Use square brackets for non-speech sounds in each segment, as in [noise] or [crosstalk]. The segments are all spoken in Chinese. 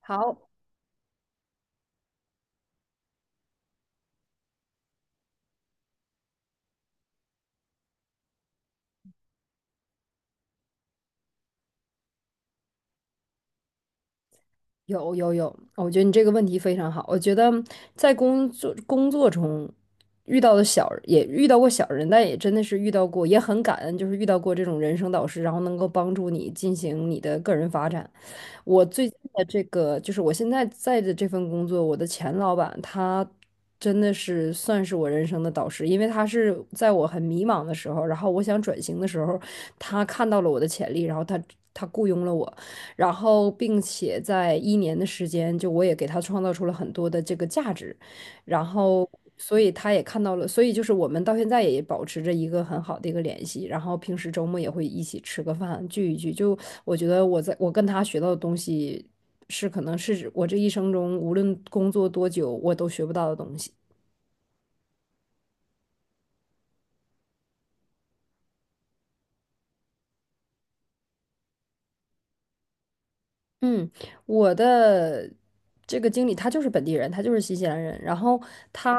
好，有有有，我觉得你这个问题非常好。我觉得在工作中遇到的遇到过小人，但也真的是遇到过，也很感恩，就是遇到过这种人生导师，然后能够帮助你进行你的个人发展。我最近的这个，就是我现在在的这份工作，我的前老板他真的是算是我人生的导师，因为他是在我很迷茫的时候，然后我想转型的时候，他看到了我的潜力，然后他雇佣了我。然后并且在一年的时间，就我也给他创造出了很多的这个价值，然后所以他也看到了，所以就是我们到现在也保持着一个很好的一个联系，然后平时周末也会一起吃个饭，聚一聚，就我觉得我在我跟他学到的东西是可能是我这一生中无论工作多久我都学不到的东西。嗯，我的这个经理他就是本地人，他就是新西兰人，然后他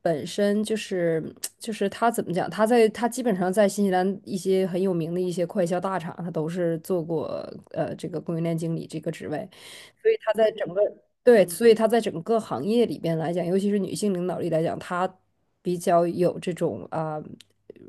本身就是就是他怎么讲，他在他基本上在新西兰一些很有名的一些快销大厂，他都是做过这个供应链经理这个职位，所以他在整个对，所以他在整个行业里边来讲，尤其是女性领导力来讲，他比较有这种啊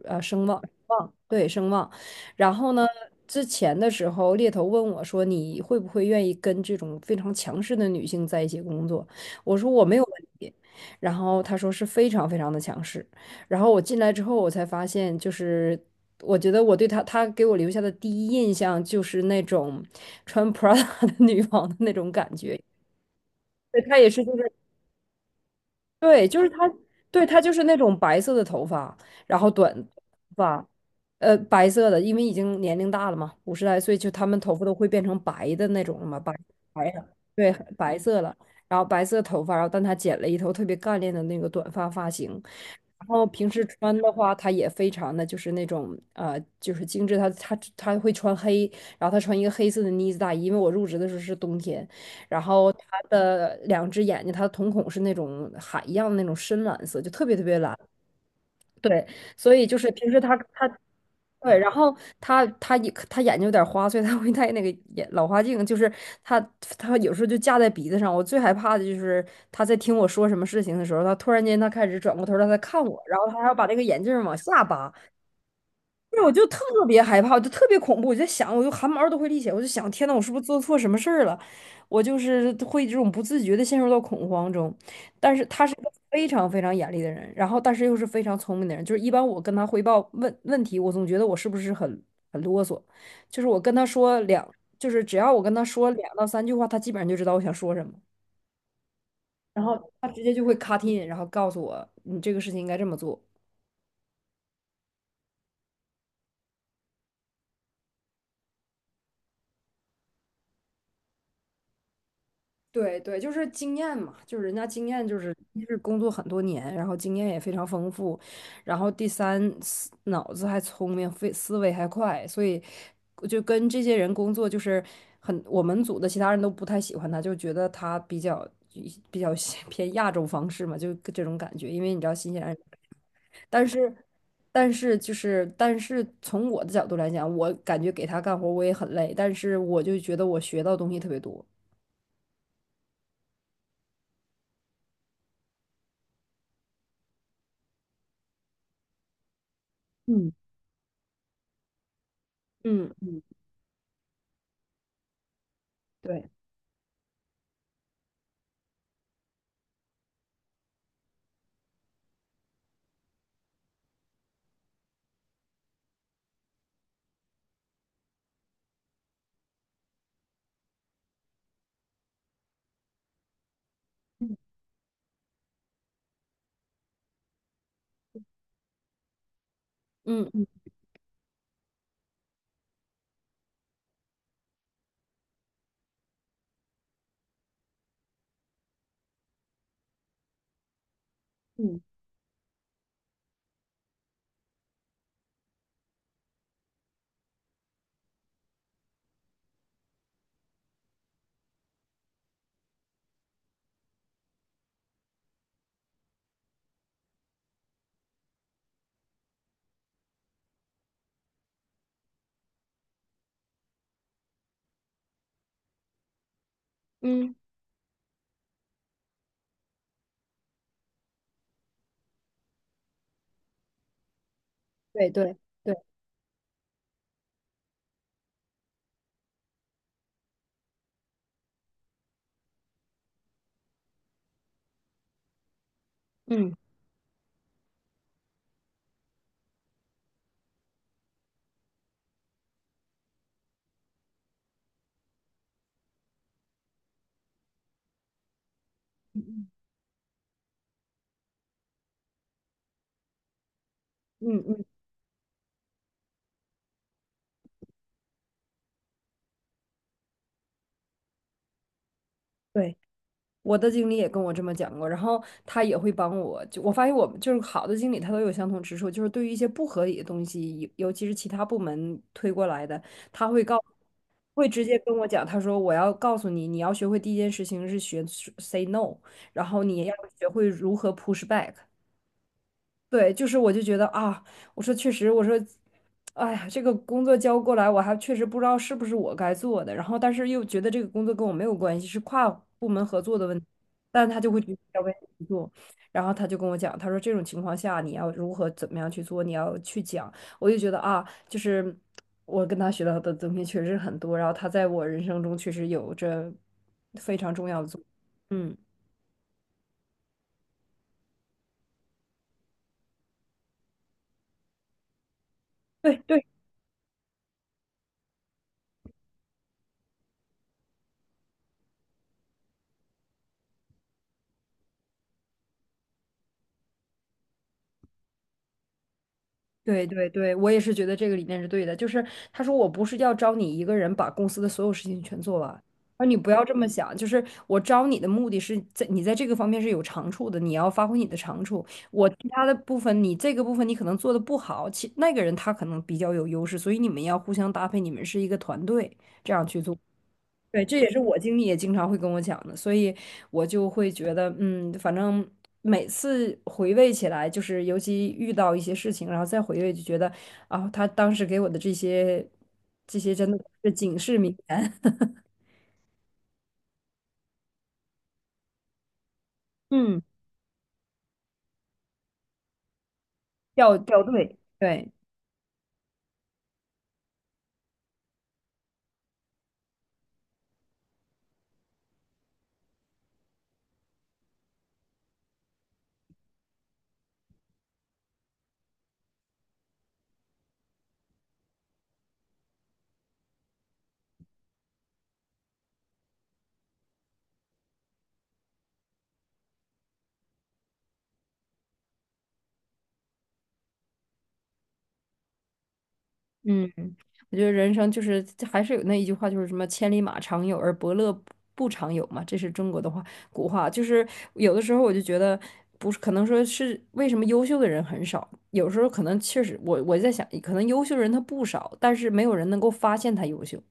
啊、声望，声望。然后呢，之前的时候，猎头问我说：“你会不会愿意跟这种非常强势的女性在一起工作？”我说：“我没有问题。”然后他说是非常非常的强势。然后我进来之后，我才发现，就是我觉得我对他，他给我留下的第一印象就是那种穿 Prada 的女王的那种感觉。对，他也是，就是对，就是他，对，他就是那种白色的头发，然后短头发，白色的，因为已经年龄大了嘛，五十来岁，就他们头发都会变成白的那种了嘛，白的，对，白色的，然后白色头发，然后但他剪了一头特别干练的那个短发发型，然后平时穿的话，他也非常的就是那种就是精致，他会穿黑，然后他穿一个黑色的呢子大衣，因为我入职的时候是冬天，然后他的两只眼睛，他的瞳孔是那种海一样的那种深蓝色，就特别特别蓝。对，所以就是平时他他对，然后他眼睛有点花，所以他会戴那个眼老花镜，就是他他有时候就架在鼻子上。我最害怕的就是他在听我说什么事情的时候，他突然间他开始转过头儿来它看我，然后他还要把那个眼镜儿往下扒，那我就特别害怕，我就特别恐怖，我就在想，我就汗毛都会立起来，我就想，天呐，我是不是做错什么事儿了？我就是会这种不自觉的陷入到恐慌中。但是他是一个非常非常严厉的人，然后但是又是非常聪明的人，就是一般我跟他汇报问问题，我总觉得我是不是很啰嗦，就是我跟他说两，就是只要我跟他说两到三句话，他基本上就知道我想说什么，然后他直接就会 cut in，然后告诉我你这个事情应该这么做。对对，就是经验嘛，就是人家经验就是一是工作很多年，然后经验也非常丰富，然后第三脑子还聪明，非思维还快，所以就跟这些人工作就是很，我们组的其他人都不太喜欢他，就觉得他比较 [laughs] 偏亚洲方式嘛，就这种感觉，因为你知道新西兰人，但是但是从我的角度来讲，我感觉给他干活我也很累，但是我就觉得我学到东西特别多，嗯嗯。嗯。对。嗯嗯嗯嗯，对对对，嗯嗯嗯，对，我的经理也跟我这么讲过，然后他也会帮我，就我发现我们就是好的经理，他都有相同之处，就是对于一些不合理的东西，尤其是其他部门推过来的，他会告，会直接跟我讲，他说我要告诉你，你要学会第一件事情是学 say no，然后你要学会如何 push back。对，就是我就觉得啊，我说确实，我说，哎呀，这个工作交过来，我还确实不知道是不是我该做的，然后但是又觉得这个工作跟我没有关系，是跨部门合作的问题，但他就会觉得要为你做，然后他就跟我讲，他说这种情况下你要如何怎么样去做，你要去讲，我就觉得啊，就是我跟他学到的东西确实很多，然后他在我人生中确实有着非常重要的作用，嗯。对对。对对对，我也是觉得这个理念是对的。就是他说我不是要招你一个人把公司的所有事情全做完，而你不要这么想。就是我招你的目的是在你在这个方面是有长处的，你要发挥你的长处。我其他的部分，你这个部分你可能做的不好，那个人他可能比较有优势，所以你们要互相搭配，你们是一个团队。这样去做。对，这也是我经理也经常会跟我讲的，所以我就会觉得，嗯，反正每次回味起来，就是尤其遇到一些事情，然后再回味，就觉得啊，他当时给我的这些真的是警示名言，[laughs] 嗯，掉队，对。嗯，我觉得人生就是还是有那一句话，就是什么“千里马常有，而伯乐不常有”嘛，这是中国的话古话。就是有的时候我就觉得，不是可能说是为什么优秀的人很少，有时候可能确实我在想，可能优秀人他不少，但是没有人能够发现他优秀。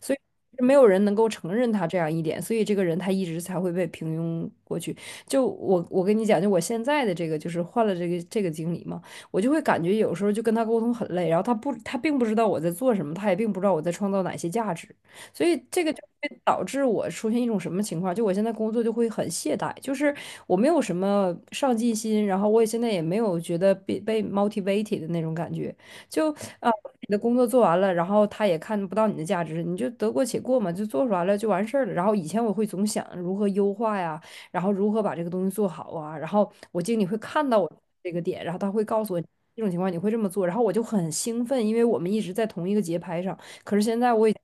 所以没有人能够承认他这样一点，所以这个人他一直才会被平庸过去。就我跟你讲，就我现在的这个就是换了这个经理嘛，我就会感觉有时候就跟他沟通很累，然后他并不知道我在做什么，他也并不知道我在创造哪些价值，所以这个就会导致我出现一种什么情况？就我现在工作就会很懈怠，就是我没有什么上进心，然后我也现在也没有觉得被 motivated 的那种感觉。就啊，你的工作做完了，然后他也看不到你的价值，你就得过且过嘛，就做出来了就完事儿了。然后以前我会总想如何优化呀，然后如何把这个东西做好啊，然后我经理会看到我这个点，然后他会告诉我这种情况你会这么做，然后我就很兴奋，因为我们一直在同一个节拍上。可是现在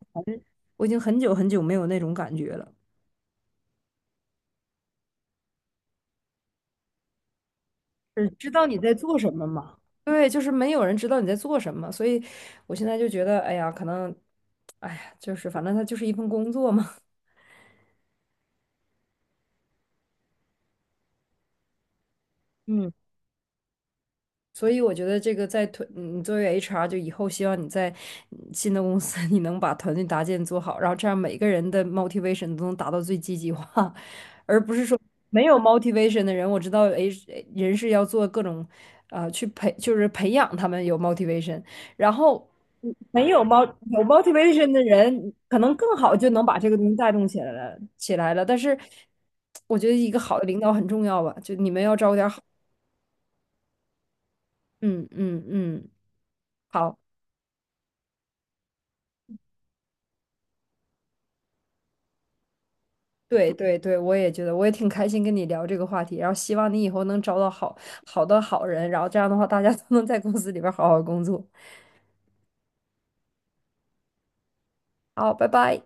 我已经很久很久没有那种感觉了，只知道你在做什么嘛。对，就是没有人知道你在做什么，所以我现在就觉得，哎呀，可能，哎呀，就是反正它就是一份工作嘛。嗯，所以我觉得这个嗯你作为 HR，就以后希望你在嗯新的公司，你能把团队搭建做好，然后这样每个人的 motivation 都能达到最积极化，[laughs] 而不是说没有 motivation 的人，我知道 H 人是要做各种，就是培养他们有 motivation，然后嗯没有 mo 有 motivation 的人，可能更好就能把这个东西带动起来了，但是我觉得一个好的领导很重要吧，就你们要招点好，嗯嗯。好，对对对，我也觉得，我也挺开心跟你聊这个话题，然后希望你以后能找到好的好人，然后这样的话，大家都能在公司里边儿好好工作。好，拜拜。